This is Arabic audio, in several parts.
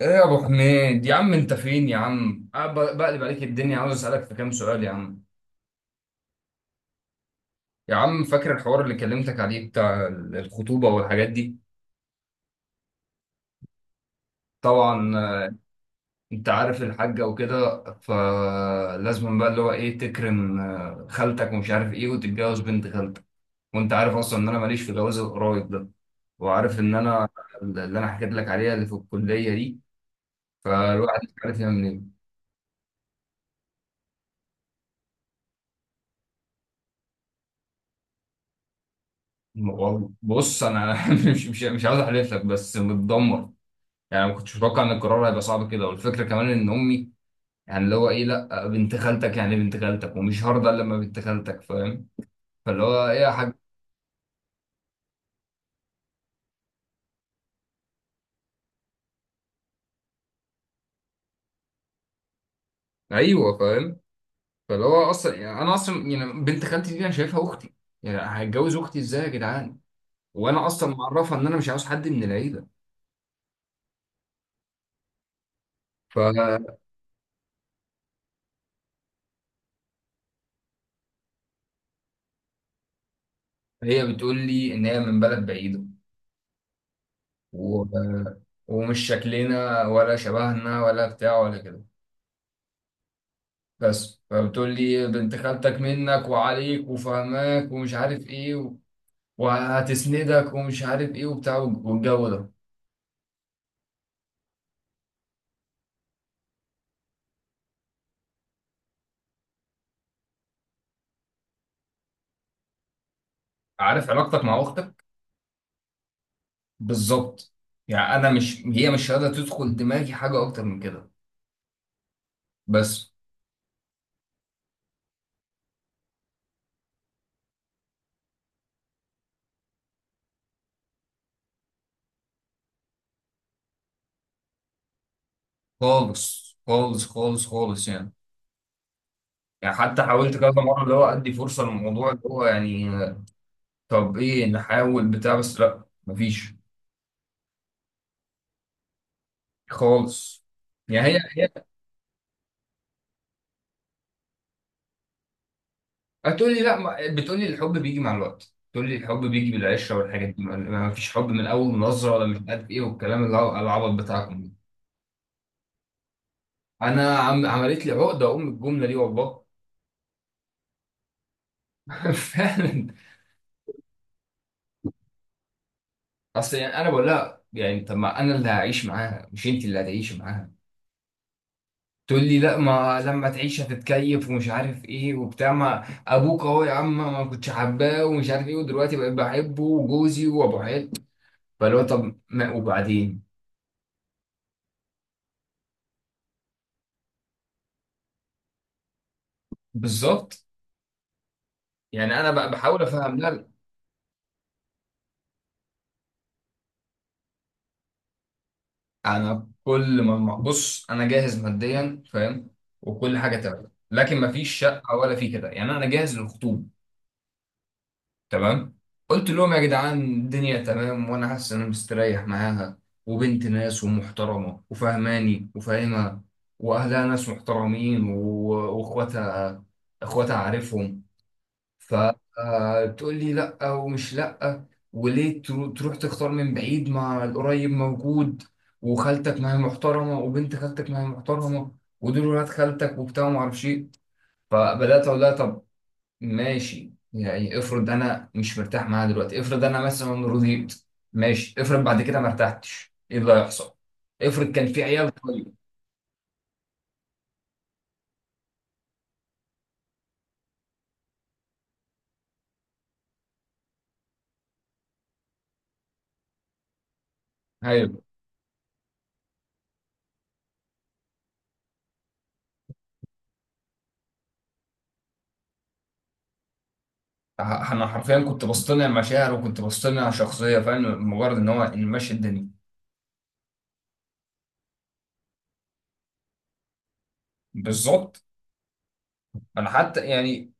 ايه يا ابو حميد يا عم، انت فين يا عم؟ أنا بقلب عليك الدنيا، عاوز اسالك في كام سؤال يا عم. يا عم فاكر الحوار اللي كلمتك عليه بتاع الخطوبه والحاجات دي؟ طبعا انت عارف الحاجه وكده، فلازم بقى اللي هو ايه تكرم خالتك ومش عارف ايه وتتجوز بنت خالتك. وانت عارف اصلا ان انا ماليش في جواز القرايب ده، وعارف ان انا اللي انا حكيت لك عليها اللي في الكليه دي، فالواحد مش عارف يعمل ايه. والله بص انا مش عاوز احلف لك، بس متدمر. يعني ما كنتش متوقع ان القرار هيبقى صعب كده، والفكره كمان ان امي يعني اللي هو ايه لا بنت خالتك، يعني بنت خالتك ومش هرضى الا لما بنت خالتك، فاهم؟ فاللي هو ايه يا حاج. ايوه فاهم، فاللي هو اصلا يعني انا اصلا يعني بنت خالتي دي انا شايفها اختي، يعني هتجوز اختي ازاي يا جدعان؟ وانا اصلا معرفها ان انا مش عاوز حد من العيله. فهي بتقول لي ان هي من بلد بعيده، و... ومش شكلنا ولا شبهنا ولا بتاع ولا كده، بس فبتقول لي بنت خالتك منك وعليك وفهماك ومش عارف ايه و... وهتسندك ومش عارف ايه وبتاع والجو ده. عارف علاقتك مع اختك؟ بالظبط. يعني انا مش، هي مش قادره تدخل دماغي حاجه اكتر من كده، بس. خالص خالص خالص خالص يعني، يعني حتى حاولت كذا مره اللي هو ادي فرصه للموضوع اللي هو يعني طب ايه نحاول بتاع، بس لا مفيش خالص. يعني هي هتقول لي لا، بتقول لي الحب بيجي مع الوقت، تقول لي الحب بيجي بالعشره والحاجات دي، ما فيش حب من اول نظره ولا مش عارف ايه، والكلام اللي هو العبط بتاعكم ده. انا عم عملت لي عقده ام الجمله دي والله. فعلا. اصل يعني انا بقول لها يعني طب ما انا اللي هعيش معاها، مش انت اللي هتعيشي معاها. تقول لي لا، ما لما تعيش هتتكيف ومش عارف ايه وبتاع، ما ابوك اهو يا عم ما كنتش حباه ومش عارف ايه، ودلوقتي بقيت بحبه وجوزي وابو عيال. فاللي هو طب ما وبعدين. بالظبط. يعني انا بقى بحاول افهم، لا، انا كل ما بص انا جاهز ماديا فاهم، وكل حاجه تمام، لكن ما فيش شقه ولا في كده، يعني انا جاهز للخطوبه. تمام. قلت لهم يا جدعان الدنيا تمام، وانا حاسس ان انا مستريح معاها، وبنت ناس ومحترمه وفهماني وفاهمها، واهلها ناس محترمين واخواتها، اخواتها عارفهم. فتقول لي لا، ومش لا، وليه تروح تختار من بعيد مع القريب موجود، وخالتك ما هي محترمه وبنت خالتك ما هي محترمه ودول ولاد خالتك وبتاع وما اعرفش ايه. فبدات اقول لها طب ماشي، يعني افرض انا مش مرتاح معاها دلوقتي، افرض انا مثلا رضيت، ماشي افرض بعد كده ما ارتحتش، ايه اللي هيحصل؟ افرض كان في عيال طيب. ايوه. انا حرفيا كنت بصطنع مشاعر وكنت بصطنع شخصيه فاهم، مجرد ان هو إن ماشي الدنيا. بالظبط. انا حتى يعني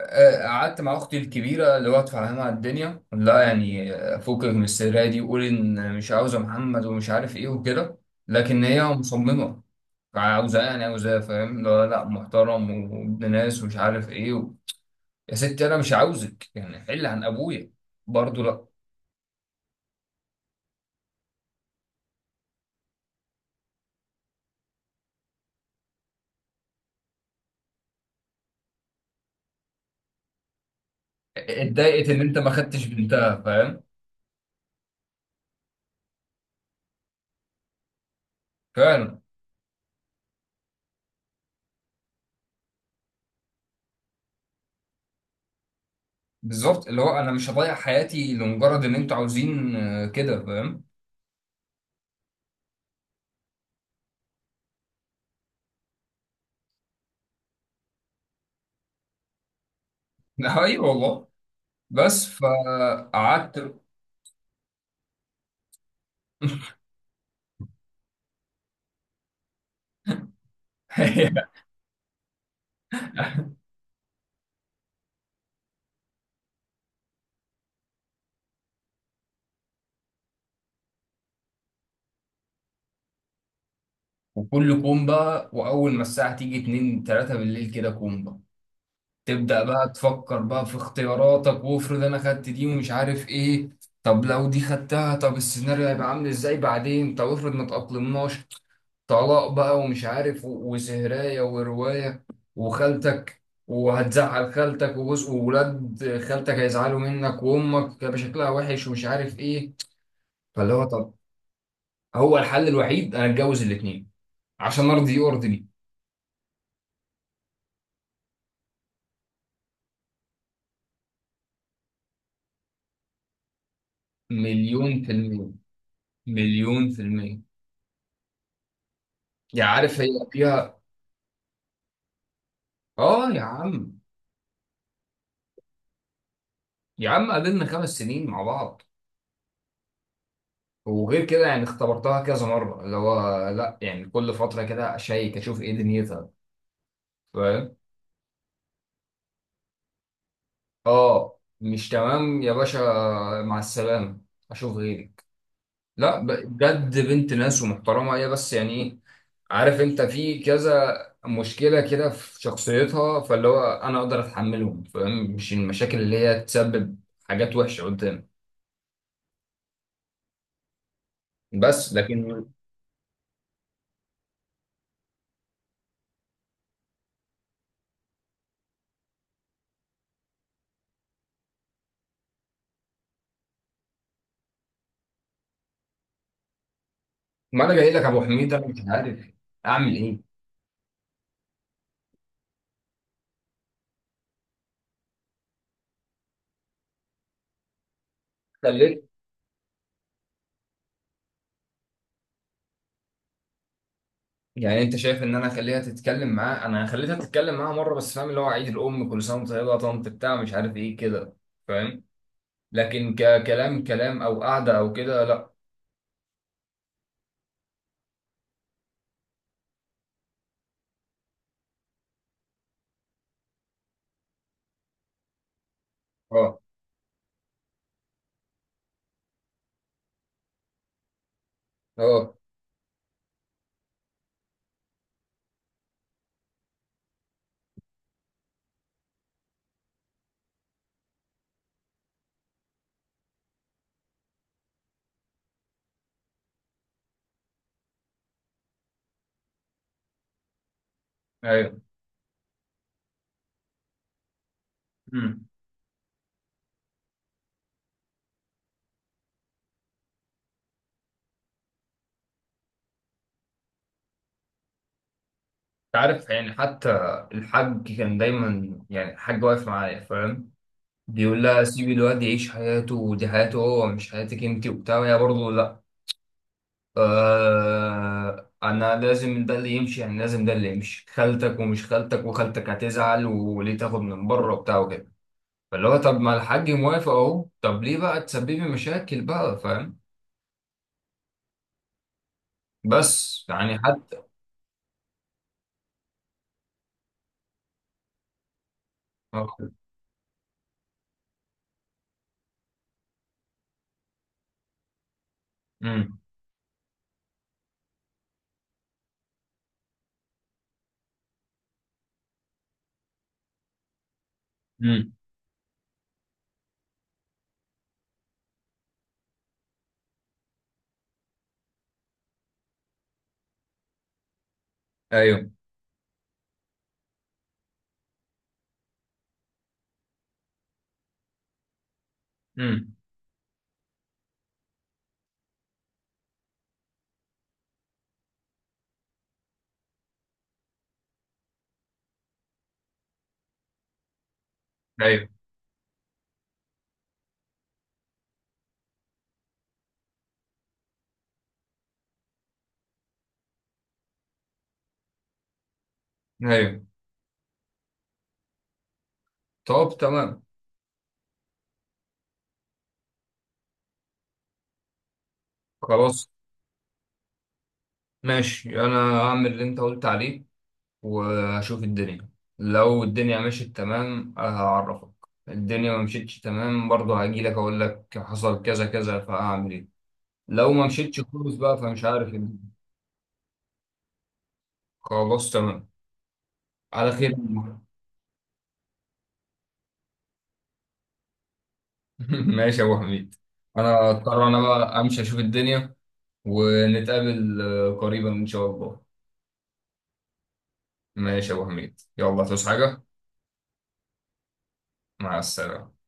قعدت مع اختي الكبيره اللي هو تفهمها الدنيا، لا يعني فكك من السريه دي، قول ان مش عاوزه محمد ومش عارف ايه وكده. لكن هي مصممه، عاوزاه يعني عاوزاه، فاهم. لا لا محترم وابن ناس ومش عارف ايه و... يا ستي انا مش عاوزك، يعني حل عن ابويا. برضه لا. اتضايقت ان انت ما خدتش بنتها فاهم. فعلا. بالظبط اللي هو انا مش هضيع حياتي لمجرد ان انتوا عاوزين كده فاهم. ايوه والله. بس فقعدت. وكل كومبا، واول ما الساعه تيجي 2 3 بالليل كده كومبا، تبدا بقى تفكر بقى في اختياراتك، وافرض انا خدت دي ومش عارف ايه، طب لو دي خدتها طب السيناريو هيبقى عامل ازاي بعدين، طب افرض ما تأقلمناش، طلاق بقى ومش عارف وسهرايه وروايه وخالتك، وهتزعل خالتك وجوز وولاد خالتك هيزعلوا منك، وامك هيبقى شكلها وحش ومش عارف ايه. فاللي هو طب، هو الحل الوحيد انا اتجوز الاثنين عشان ارضي يرضي. مليون في المية. مليون في المية. يا عارف هي فيها. اه يا عم. يا عم قابلنا خمس سنين مع بعض، وغير كده يعني اختبرتها كذا مرة اللي هو لا يعني كل فترة كده اشيك اشوف ايه دنيتها، فاهم. اه مش تمام يا باشا، مع السلامة، اشوف غيري. لا ب- بجد بنت ناس ومحترمة هي، بس يعني ايه، عارف انت في كذا مشكلة كده في شخصيتها، فاللي هو انا اقدر اتحملهم فاهم، مش المشاكل اللي هي تسبب حاجات وحشة قدام. بس لكن. ما انا جاي لك يا ابو حميد، انا مش عارف اعمل ايه. خليت. يعني انت شايف ان انا اخليها تتكلم معاه؟ انا خليتها تتكلم معاه مرة بس فاهم، اللي هو عيد الام كل سنة وانت طيبة يا طنط بتاع مش عارف ايه كده، فاهم. لكن ككلام كلام او قعدة او كده، لا. اه. اه. ايوه. مم. عارف يعني حتى الحاج كان دايما يعني الحاج واقف معايا فاهم، بيقول لها سيبي الواد يعيش حياته، ودي حياته هو مش حياتك انت وبتاع. وهي برضه لا، آه انا لازم ده اللي يمشي، يعني لازم ده اللي يمشي، خالتك ومش خالتك وخالتك هتزعل، وليه تاخد من بره وبتاع وكده. فاللي هو طب ما الحاج موافق اهو، طب ليه بقى تسببي مشاكل بقى فاهم. بس يعني حتى. امم. امم. ايوه. امم. ايوه. ايوه. طب تمام. خلاص ماشي، انا هعمل اللي انت قلت عليه وهشوف الدنيا. لو الدنيا مشيت تمام هعرفك. الدنيا ما مشيتش تمام برضه هاجي لك اقول لك حصل كذا كذا فهعمل ايه. لو ما مشيتش خالص بقى، فمش عارف الدنيا. خلاص تمام، على خير. ماشي يا ابو حميد، انا اضطر انا بقى امشي اشوف الدنيا، ونتقابل قريبا ان شاء الله. ماشي يا ابو حميد، يلا تصحى حاجه. مع السلامه.